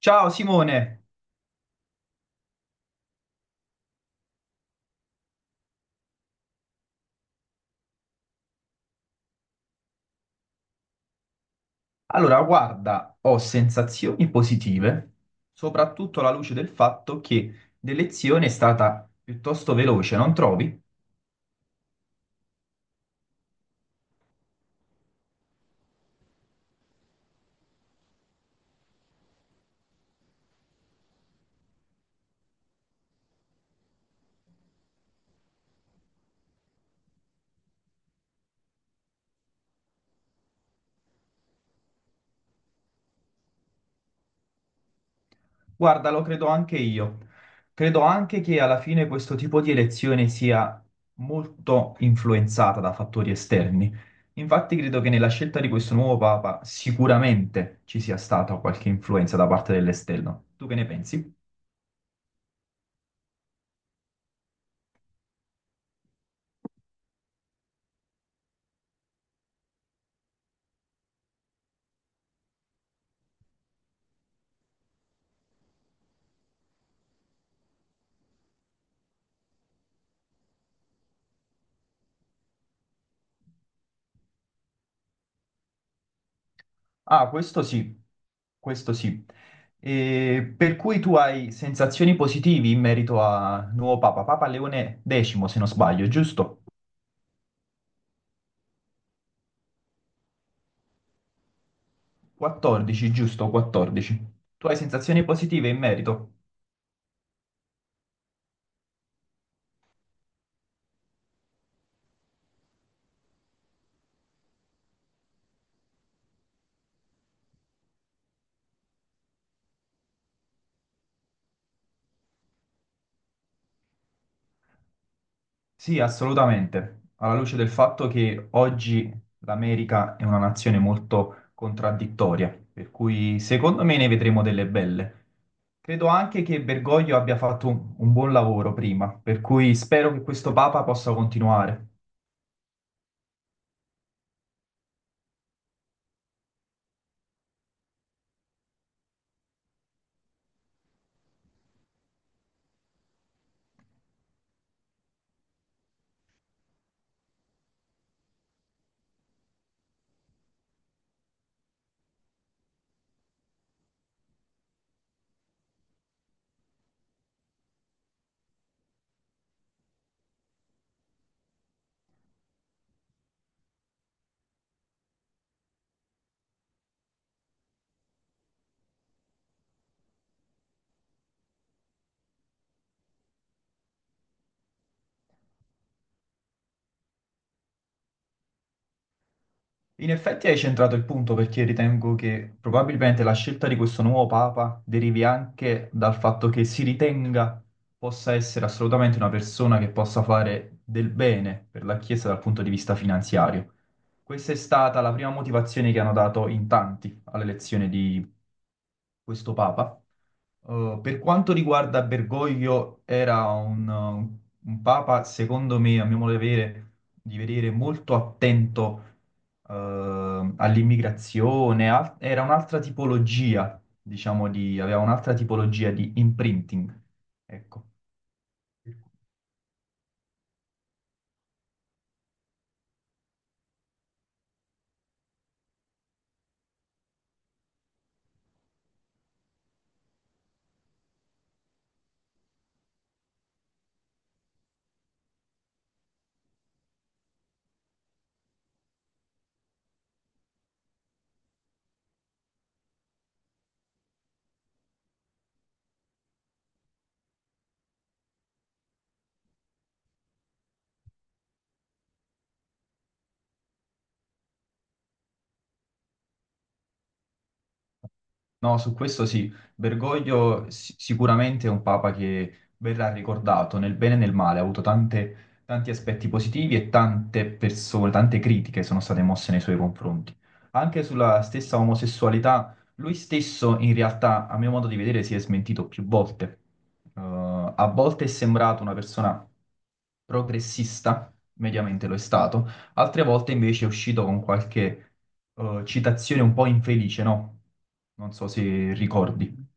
Ciao Simone, allora guarda, ho sensazioni positive, soprattutto alla luce del fatto che l'elezione è stata piuttosto veloce, non trovi? Guarda, lo credo anche io. Credo anche che alla fine questo tipo di elezione sia molto influenzata da fattori esterni. Infatti credo che nella scelta di questo nuovo Papa sicuramente ci sia stata qualche influenza da parte dell'esterno. Tu che ne pensi? Ah, questo sì, questo sì. E per cui tu hai sensazioni positive in merito a nuovo Papa, Papa Leone X, se non sbaglio, giusto? 14, giusto? 14. Tu hai sensazioni positive in merito? Sì, assolutamente. Alla luce del fatto che oggi l'America è una nazione molto contraddittoria, per cui secondo me ne vedremo delle belle. Credo anche che Bergoglio abbia fatto un buon lavoro prima, per cui spero che questo Papa possa continuare. In effetti hai centrato il punto perché ritengo che probabilmente la scelta di questo nuovo Papa derivi anche dal fatto che si ritenga possa essere assolutamente una persona che possa fare del bene per la Chiesa dal punto di vista finanziario. Questa è stata la prima motivazione che hanno dato in tanti all'elezione di questo papa. Per quanto riguarda Bergoglio, era un papa, secondo me, a mio modo di vedere molto attento eh, all'immigrazione, era un'altra tipologia, diciamo, di, aveva un'altra tipologia di imprinting. Ecco. No, su questo sì, Bergoglio sicuramente è un papa che verrà ricordato nel bene e nel male, ha avuto tanti aspetti positivi e tante persone, tante critiche sono state mosse nei suoi confronti. Anche sulla stessa omosessualità, lui stesso in realtà, a mio modo di vedere, si è smentito più volte. A volte è sembrato una persona progressista, mediamente lo è stato, altre volte invece è uscito con qualche citazione un po' infelice, no? Non so se ricordi.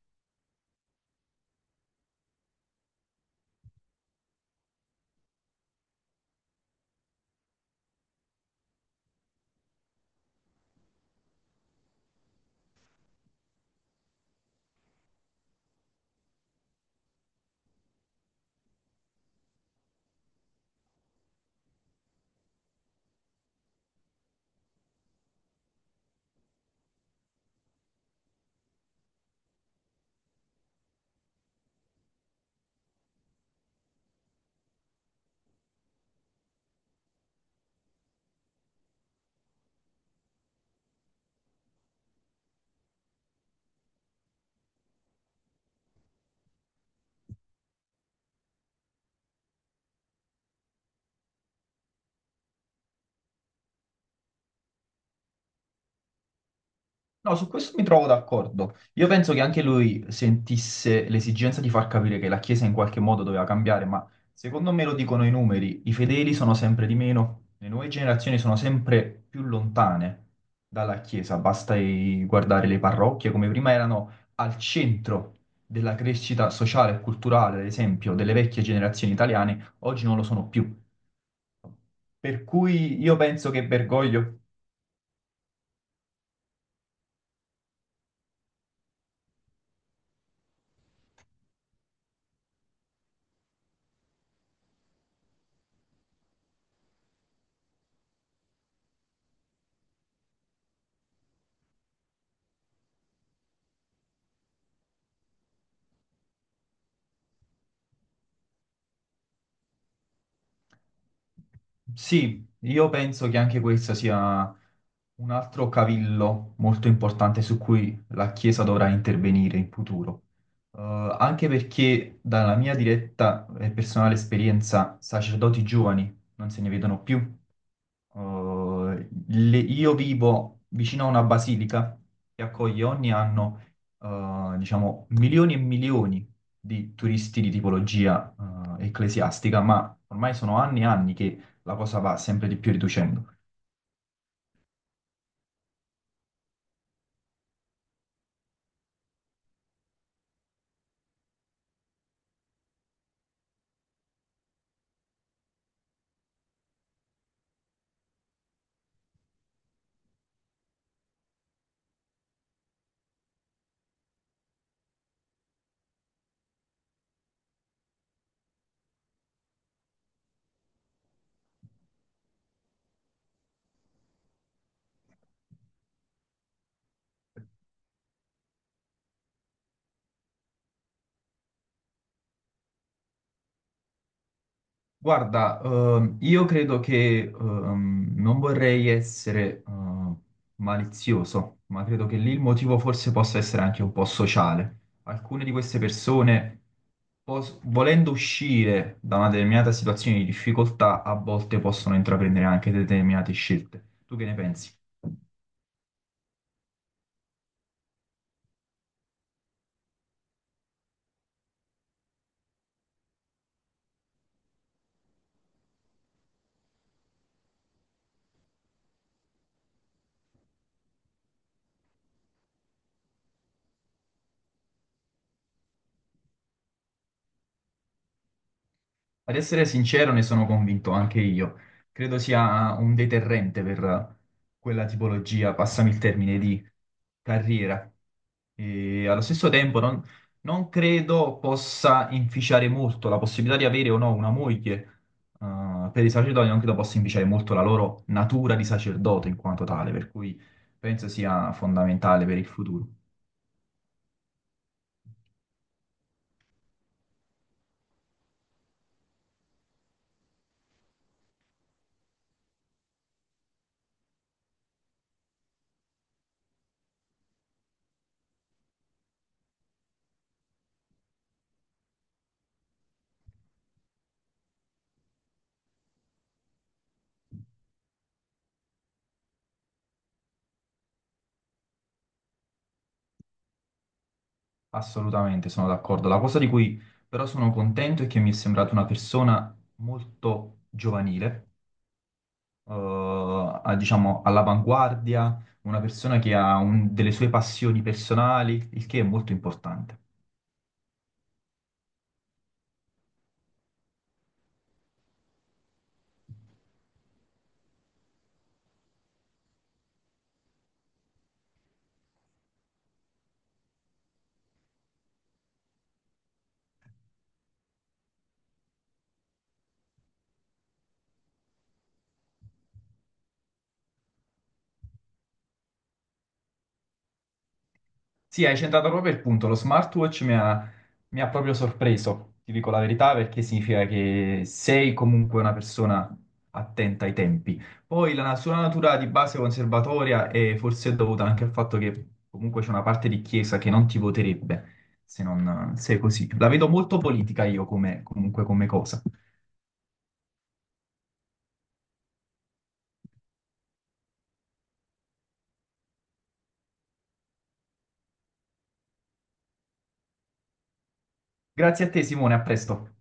No, su questo mi trovo d'accordo. Io penso che anche lui sentisse l'esigenza di far capire che la Chiesa in qualche modo doveva cambiare, ma secondo me lo dicono i numeri, i fedeli sono sempre di meno, le nuove generazioni sono sempre più lontane dalla Chiesa, basta guardare le parrocchie come prima erano al centro della crescita sociale e culturale, ad esempio, delle vecchie generazioni italiane, oggi non lo sono più. Per cui io penso che Bergoglio. Sì, io penso che anche questo sia un altro cavillo molto importante su cui la Chiesa dovrà intervenire in futuro. Anche perché dalla mia diretta e personale esperienza, sacerdoti giovani non se ne vedono più. Io vivo vicino a una basilica che accoglie ogni anno, diciamo, milioni e milioni di turisti di tipologia, ecclesiastica, ma ormai sono anni e anni che la cosa va sempre di più riducendo. Guarda, io credo che non vorrei essere malizioso, ma credo che lì il motivo forse possa essere anche un po' sociale. Alcune di queste persone, volendo uscire da una determinata situazione di difficoltà, a volte possono intraprendere anche determinate scelte. Tu che ne pensi? Ad essere sincero, ne sono convinto anche io. Credo sia un deterrente per quella tipologia, passami il termine, carriera. E allo stesso tempo non credo possa inficiare molto la possibilità di avere o no una moglie. Per i sacerdoti non credo possa inficiare molto la loro natura di sacerdote in quanto tale, per cui penso sia fondamentale per il futuro. Assolutamente, sono d'accordo. La cosa di cui però sono contento è che mi è sembrata una persona molto giovanile diciamo, all'avanguardia, una persona che ha delle sue passioni personali, il che è molto importante. Sì, hai centrato proprio il punto, lo smartwatch mi ha proprio sorpreso, ti dico la verità, perché significa che sei comunque una persona attenta ai tempi. Poi la sua natura di base conservatoria è forse dovuta anche al fatto che comunque c'è una parte di chiesa che non ti voterebbe se non sei così. La vedo molto politica io come, comunque come cosa. Grazie a te, Simone, a presto.